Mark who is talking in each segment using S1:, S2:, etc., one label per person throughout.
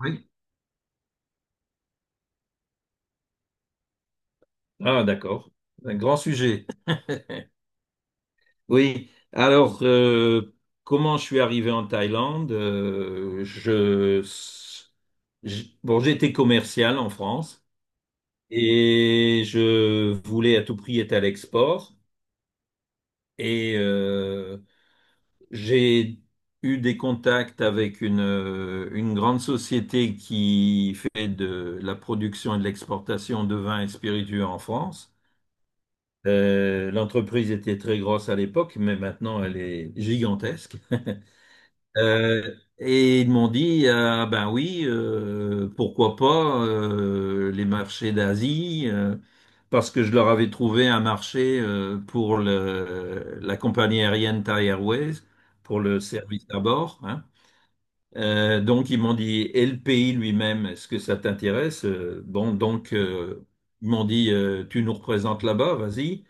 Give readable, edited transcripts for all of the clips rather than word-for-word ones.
S1: Oui. Ah, d'accord. Un grand sujet. Oui. Alors, comment je suis arrivé en Thaïlande? Bon, j'étais commercial en France et je voulais à tout prix être à l'export. Et j'ai eu des contacts avec une grande société qui fait de la production et de l'exportation de vins et spiritueux en France. L'entreprise était très grosse à l'époque, mais maintenant elle est gigantesque. Et ils m'ont dit, ah ben oui, pourquoi pas les marchés d'Asie, parce que je leur avais trouvé un marché pour la compagnie aérienne Thai Airways, pour le service à bord, hein. Donc ils m'ont dit, et le pays lui-même, est-ce que ça t'intéresse? Bon, donc ils m'ont dit, tu nous représentes là-bas, vas-y.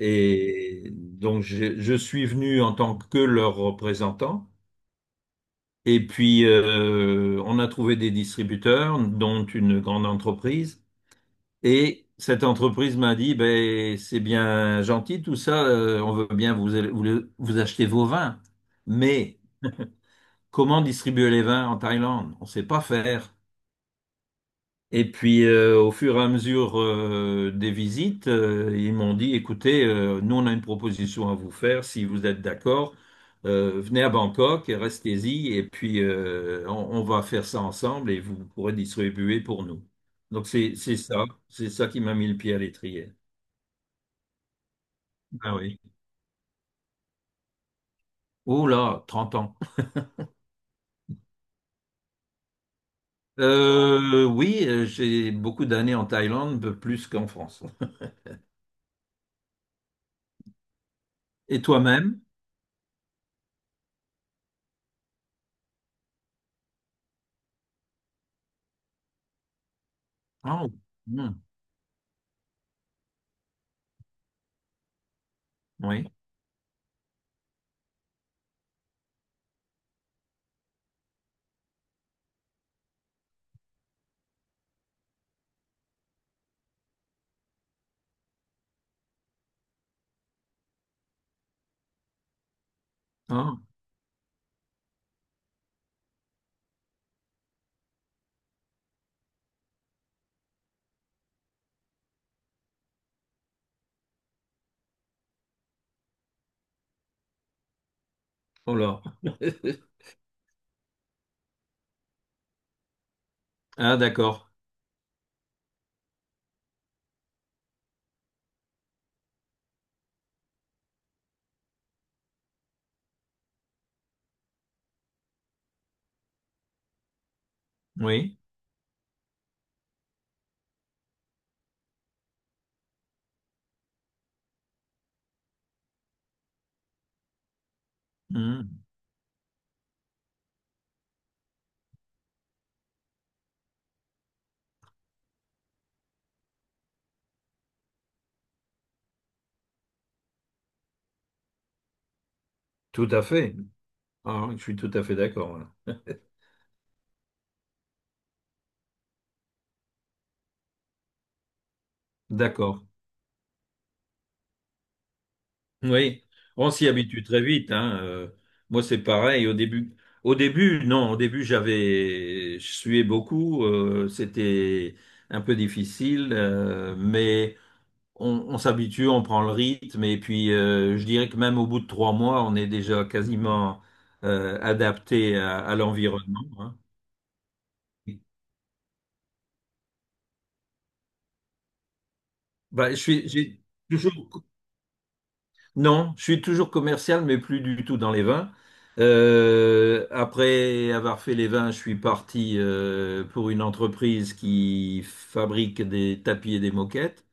S1: Et donc, je suis venu en tant que leur représentant. Et puis, on a trouvé des distributeurs, dont une grande entreprise. Et cette entreprise m'a dit, ben, c'est bien gentil tout ça, on veut bien vous acheter vos vins. Mais comment distribuer les vins en Thaïlande? On sait pas faire. Et puis, au fur et à mesure des visites, ils m'ont dit, écoutez, nous, on a une proposition à vous faire. Si vous êtes d'accord, venez à Bangkok, et restez-y, et puis on va faire ça ensemble et vous pourrez distribuer pour nous. Donc, c'est ça. C'est ça qui m'a mis le pied à l'étrier. Ah oui. Oh là, 30 ans. Oui, j'ai beaucoup d'années en Thaïlande, peu plus qu'en France. Et toi-même? Ah, hmm, oui. Ah, oh là. Ah, d'accord. Oui, hmm, tout à fait. Ah, je suis tout à fait d'accord, là. D'accord. Oui, on s'y habitue très vite, hein. Moi, c'est pareil. Au début, non, au début, je suais beaucoup. C'était un peu difficile, mais on s'habitue, on prend le rythme. Et puis, je dirais que même au bout de 3 mois, on est déjà quasiment adapté à l'environnement, hein. Bah, je suis, j'ai toujours non, je suis toujours commercial, mais plus du tout dans les vins. Après avoir fait les vins, je suis parti pour une entreprise qui fabrique des tapis et des moquettes.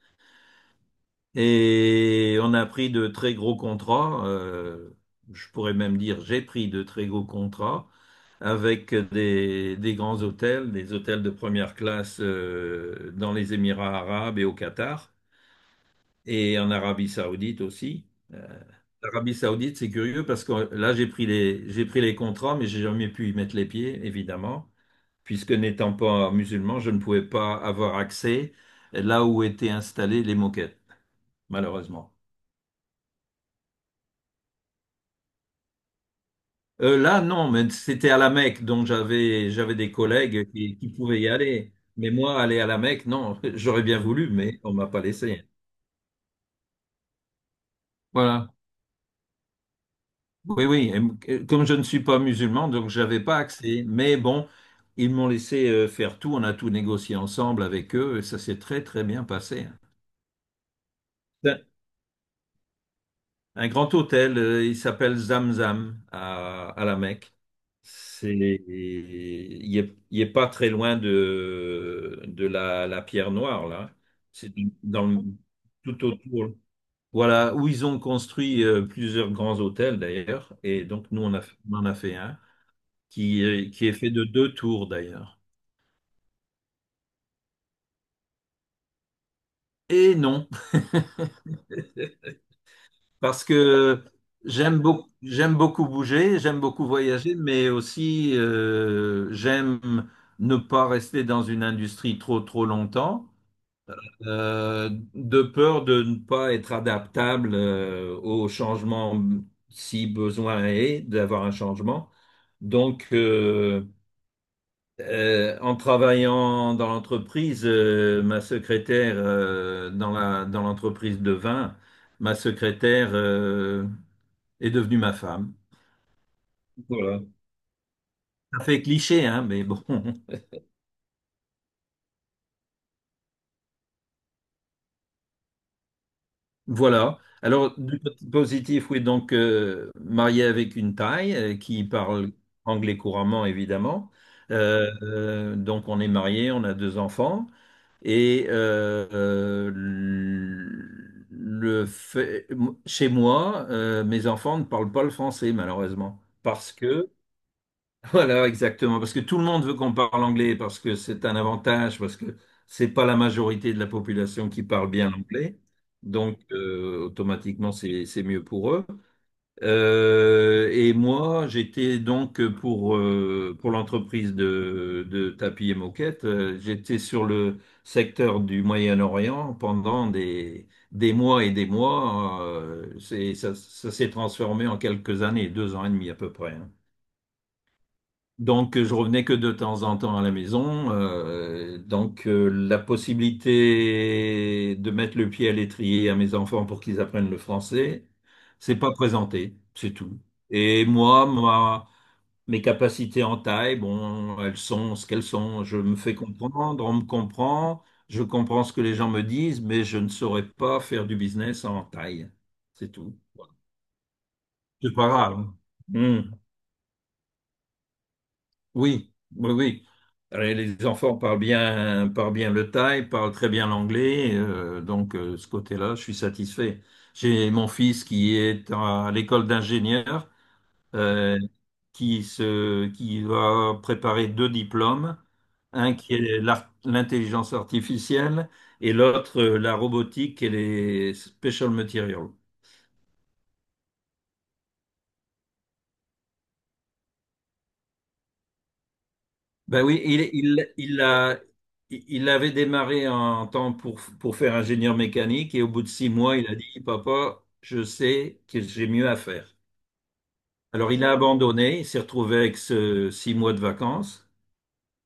S1: Et on a pris de très gros contrats. Je pourrais même dire, j'ai pris de très gros contrats avec des grands hôtels, des hôtels de première classe dans les Émirats arabes et au Qatar et en Arabie saoudite aussi. Euh, L'Arabie Saoudite, c'est curieux parce que là, j'ai pris les contrats, mais j'ai jamais pu y mettre les pieds, évidemment, puisque n'étant pas musulman, je ne pouvais pas avoir accès là où étaient installées les moquettes, malheureusement. Là, non, mais c'était à la Mecque, donc j'avais des collègues qui pouvaient y aller. Mais moi, aller à la Mecque, non, j'aurais bien voulu, mais on m'a pas laissé. Voilà. Oui, oui, et comme je ne suis pas musulman, donc j'avais pas accès. Mais bon, ils m'ont laissé faire tout, on a tout négocié ensemble avec eux, et ça s'est très très bien passé, hein. C'est Un grand hôtel, il s'appelle Zamzam à la Mecque. Il est pas très loin de la Pierre Noire, là. C'est dans le- Tout autour. Voilà, où ils ont construit plusieurs grands hôtels d'ailleurs, et donc nous on en a fait un, qui est fait de deux tours d'ailleurs. Et non, parce que j'aime beaucoup bouger, j'aime beaucoup voyager, mais aussi j'aime ne pas rester dans une industrie trop trop longtemps, de peur de ne pas être adaptable au changement si besoin est d'avoir un changement. Donc, en travaillant dans l'entreprise, ma secrétaire, dans l'entreprise de vin, ma secrétaire, est devenue ma femme. Voilà. Ça fait cliché, hein, mais bon. Voilà. Alors, du côté positif, oui, donc mariée avec une Thaï qui parle anglais couramment, évidemment. Donc, on est mariés, on a deux enfants. Et le fait- chez moi, mes enfants ne parlent pas le français, malheureusement. Parce que, voilà, exactement, parce que tout le monde veut qu'on parle anglais, parce que c'est un avantage, parce que c'est pas la majorité de la population qui parle bien l'anglais. Donc, automatiquement, c'est mieux pour eux. Et moi, j'étais donc pour l'entreprise de tapis et moquettes, j'étais sur le secteur du Moyen-Orient pendant des mois et des mois. Ça s'est transformé en quelques années, 2 ans et demi à peu près, hein. Donc, je revenais que de temps en temps à la maison. Donc, la possibilité de mettre le pied à l'étrier à mes enfants pour qu'ils apprennent le français, c'est pas présenté, c'est tout. Et moi, mes capacités en taille, bon, elles sont ce qu'elles sont. Je me fais comprendre, on me comprend, je comprends ce que les gens me disent, mais je ne saurais pas faire du business en taille, c'est tout. Voilà. C'est pas grave, hein. Hmm. Oui, oui, oui. Et les enfants parlent bien le thaï, parlent très bien l'anglais, donc ce côté-là, je suis satisfait. J'ai mon fils qui est à l'école d'ingénieur, euh, qui va préparer deux diplômes, un qui est l'intelligence artificielle et l'autre la robotique et les special materials. Ben oui, il avait démarré en temps pour faire ingénieur mécanique et au bout de 6 mois, il a dit, Papa, je sais que j'ai mieux à faire. Alors il a abandonné, il s'est retrouvé avec ce 6 mois de vacances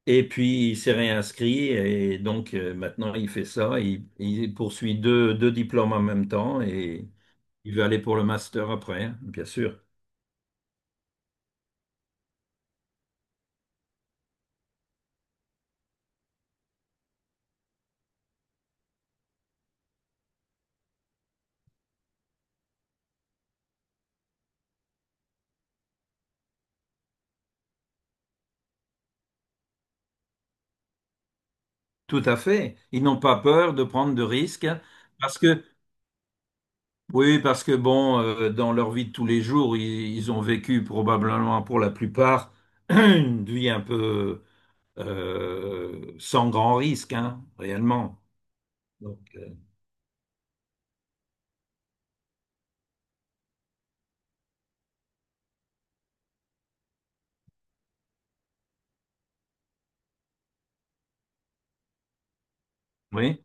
S1: et puis il s'est réinscrit et donc maintenant il fait ça, il poursuit deux diplômes en même temps et il veut aller pour le master après, hein, bien sûr. Tout à fait. Ils n'ont pas peur de prendre de risques. Parce que Oui, parce que bon, dans leur vie de tous les jours, ils ont vécu probablement pour la plupart une vie un peu sans grand risque, hein, réellement. Donc, oui,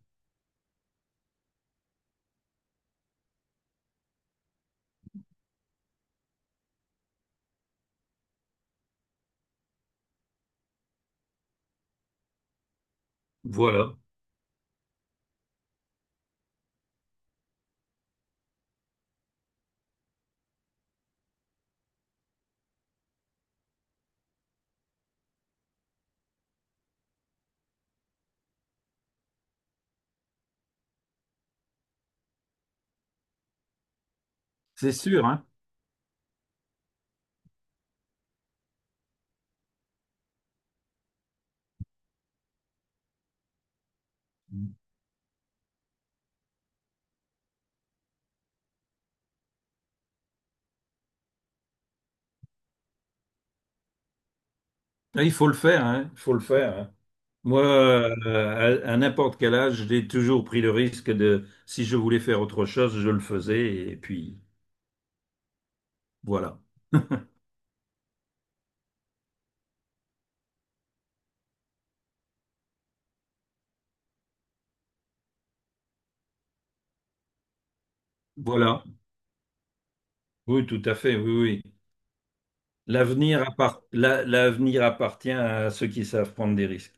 S1: voilà, c'est sûr, hein. Ah, il faut le faire, hein, il faut le faire, hein. Moi, à n'importe quel âge, j'ai toujours pris le risque de, si je voulais faire autre chose, je le faisais, et puis voilà. Voilà. Oui, tout à fait, oui, oui. L'avenir appartient à ceux qui savent prendre des risques.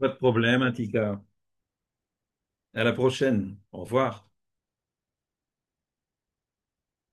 S1: Pas de problème, Antika. À la prochaine. Au revoir.